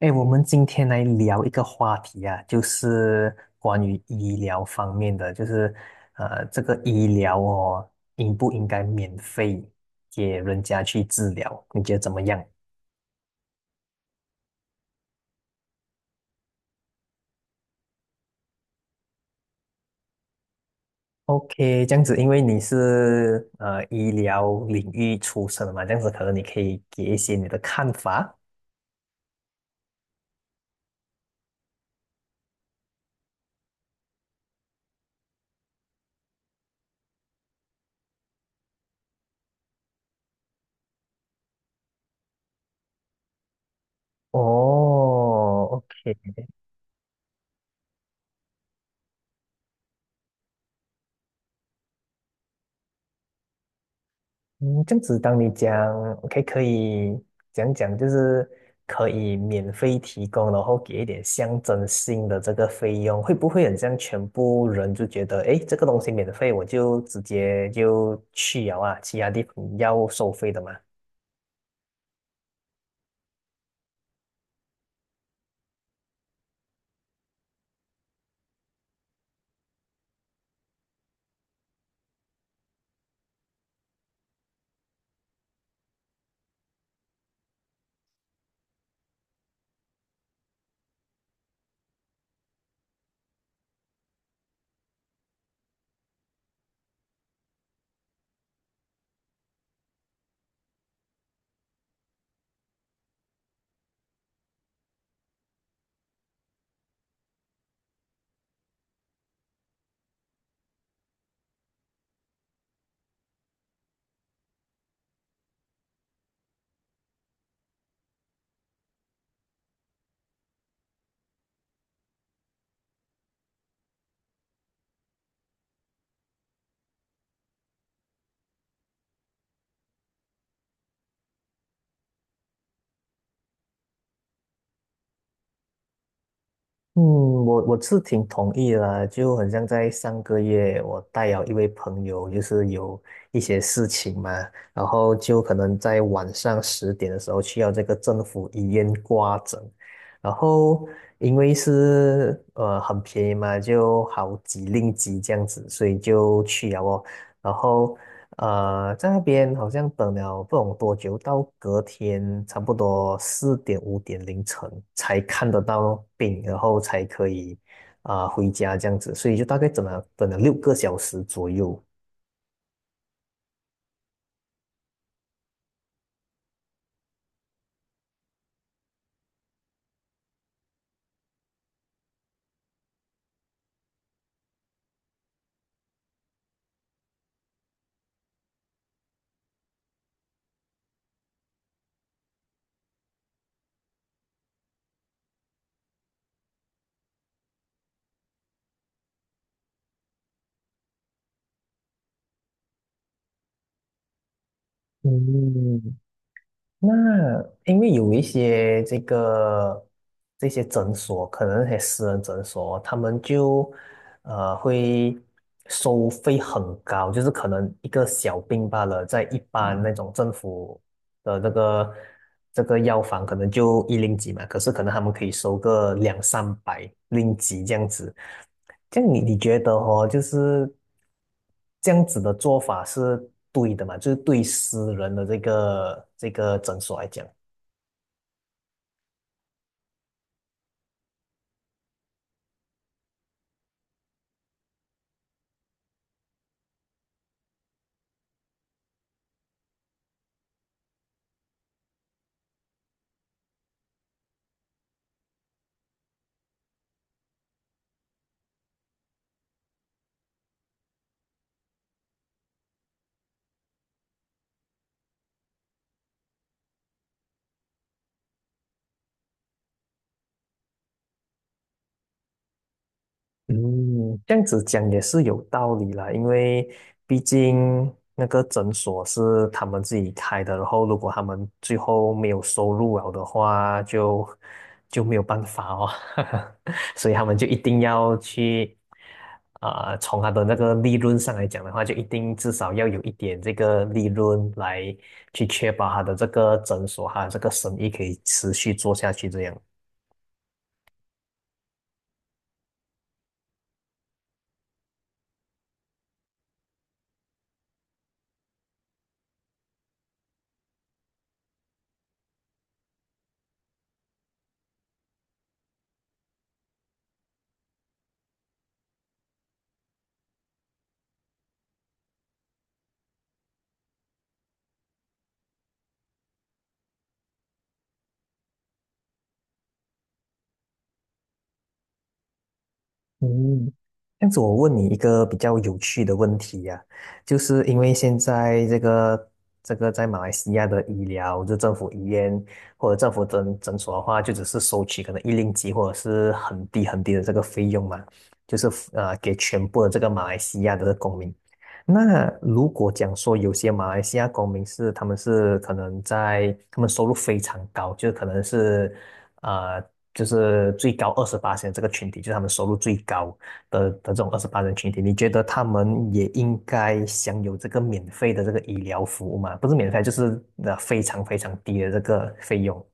哎，我们今天来聊一个话题啊，就是关于医疗方面的，就是这个医疗哦，应不应该免费给人家去治疗？你觉得怎么样？OK，这样子，因为你是医疗领域出身的嘛，这样子可能你可以给一些你的看法。哦 OK。嗯，这样子，当你讲 OK 可以讲讲，就是可以免费提供，然后给一点象征性的这个费用，会不会很像全部人就觉得，诶，这个东西免费，我就直接就去了啊，其他地方要收费的嘛？嗯，我是挺同意啦，就很像在上个月，我带了一位朋友，就是有一些事情嘛，然后就可能在晚上10点的时候去要这个政府医院挂诊，然后因为是很便宜嘛，就好几令几这样子，所以就去了哦。然后在那边好像等了不懂多久，到隔天差不多4点5点凌晨才看得到病，然后才可以回家这样子，所以就大概等了6个小时左右。嗯，那因为有一些这些诊所，可能那些私人诊所，他们就会收费很高，就是可能一个小病罢了，在一般那种政府的这个药房，可能就一零几嘛，可是可能他们可以收个两三百零几这样子。这样你觉得哦，就是这样子的做法是对的嘛？就是对私人的这个诊所来讲。嗯，这样子讲也是有道理啦，因为毕竟那个诊所是他们自己开的，然后如果他们最后没有收入了的话，就没有办法哦，所以他们就一定要去，从他的那个利润上来讲的话，就一定至少要有一点这个利润来去确保他的这个诊所，他的这个生意可以持续做下去这样。嗯，这样子我问你一个比较有趣的问题呀、就是因为现在这个在马来西亚的医疗，就政府医院或者政府诊所的话，就只是收取可能1令吉或者是很低很低的这个费用嘛，就是给全部的这个马来西亚的公民。那如果讲说有些马来西亚公民是他们是可能在他们收入非常高，就是可能是呃就是最高二十八这个群体，就是他们收入最高的这种二十八人群体，你觉得他们也应该享有这个免费的这个医疗服务吗？不是免费，就是非常非常低的这个费用。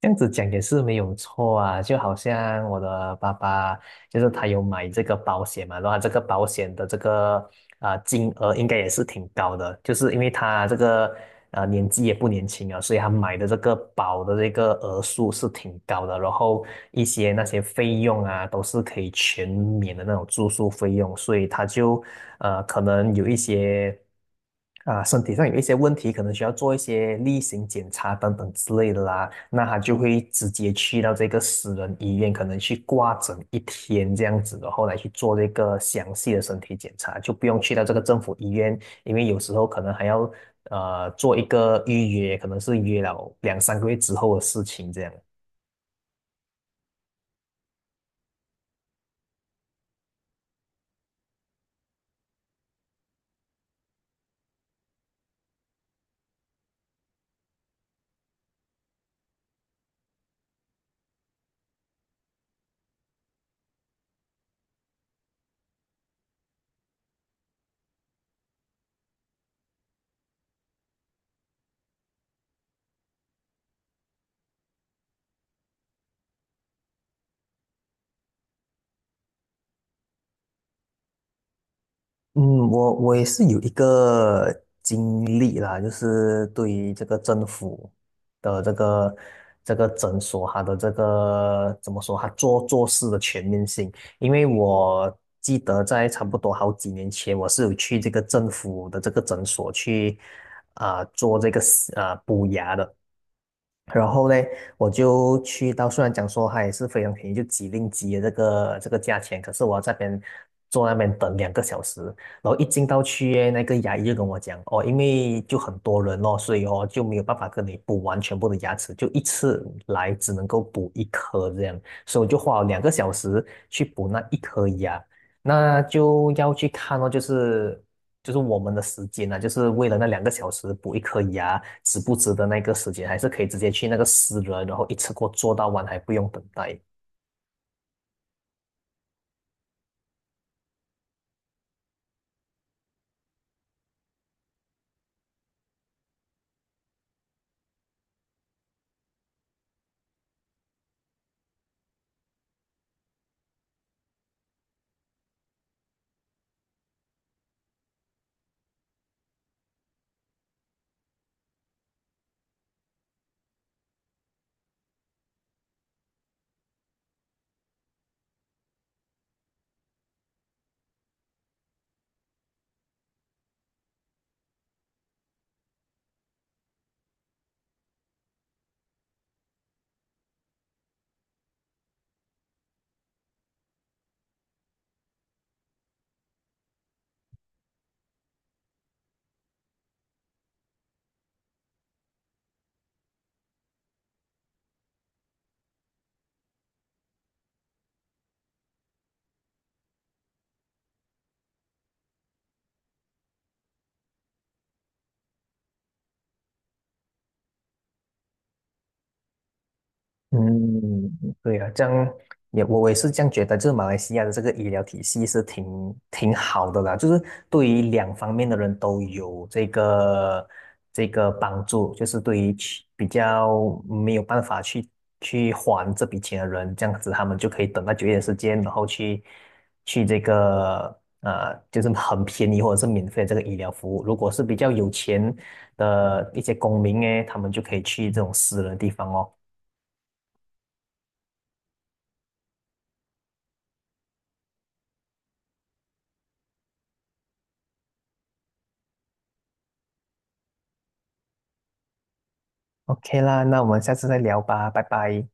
这样子讲也是没有错啊，就好像我的爸爸，就是他有买这个保险嘛，然后他这个保险的这个金额应该也是挺高的，就是因为他这个年纪也不年轻啊，所以他买的这个保的这个额数是挺高的，然后一些那些费用啊都是可以全免的那种住宿费用，所以他就可能有一些。啊，身体上有一些问题，可能需要做一些例行检查等等之类的啦，那他就会直接去到这个私人医院，可能去挂诊一天这样子的，然后来去做这个详细的身体检查，就不用去到这个政府医院，因为有时候可能还要做一个预约，可能是约了两三个月之后的事情这样。嗯，我也是有一个经历啦，就是对于这个政府的这个诊所，它的这个怎么说，它做做事的全面性。因为我记得在差不多好几年前，我是有去这个政府的这个诊所去做这个补牙的。然后嘞，我就去到，虽然讲说它也是非常便宜，就几令几的这个价钱，可是我要在那边坐那边等两个小时，然后一进到去耶那个牙医就跟我讲，哦，因为就很多人哦，所以哦就没有办法跟你补完全部的牙齿，就一次来只能够补一颗这样，所以我就花了两个小时去补那一颗牙，那就要去看哦，就是我们的时间呢、就是为了那两个小时补一颗牙，值不值得那个时间，还是可以直接去那个私人，然后一次过做到完，还不用等待。嗯，对啊，这样也我也是这样觉得，就是马来西亚的这个医疗体系是挺好的啦，就是对于两方面的人都有这个帮助，就是对于去比较没有办法去还这笔钱的人，这样子他们就可以等到久一点时间，然后去这个就是很便宜或者是免费的这个医疗服务。如果是比较有钱的一些公民诶，他们就可以去这种私人的地方哦。OK 啦，那我们下次再聊吧，拜拜。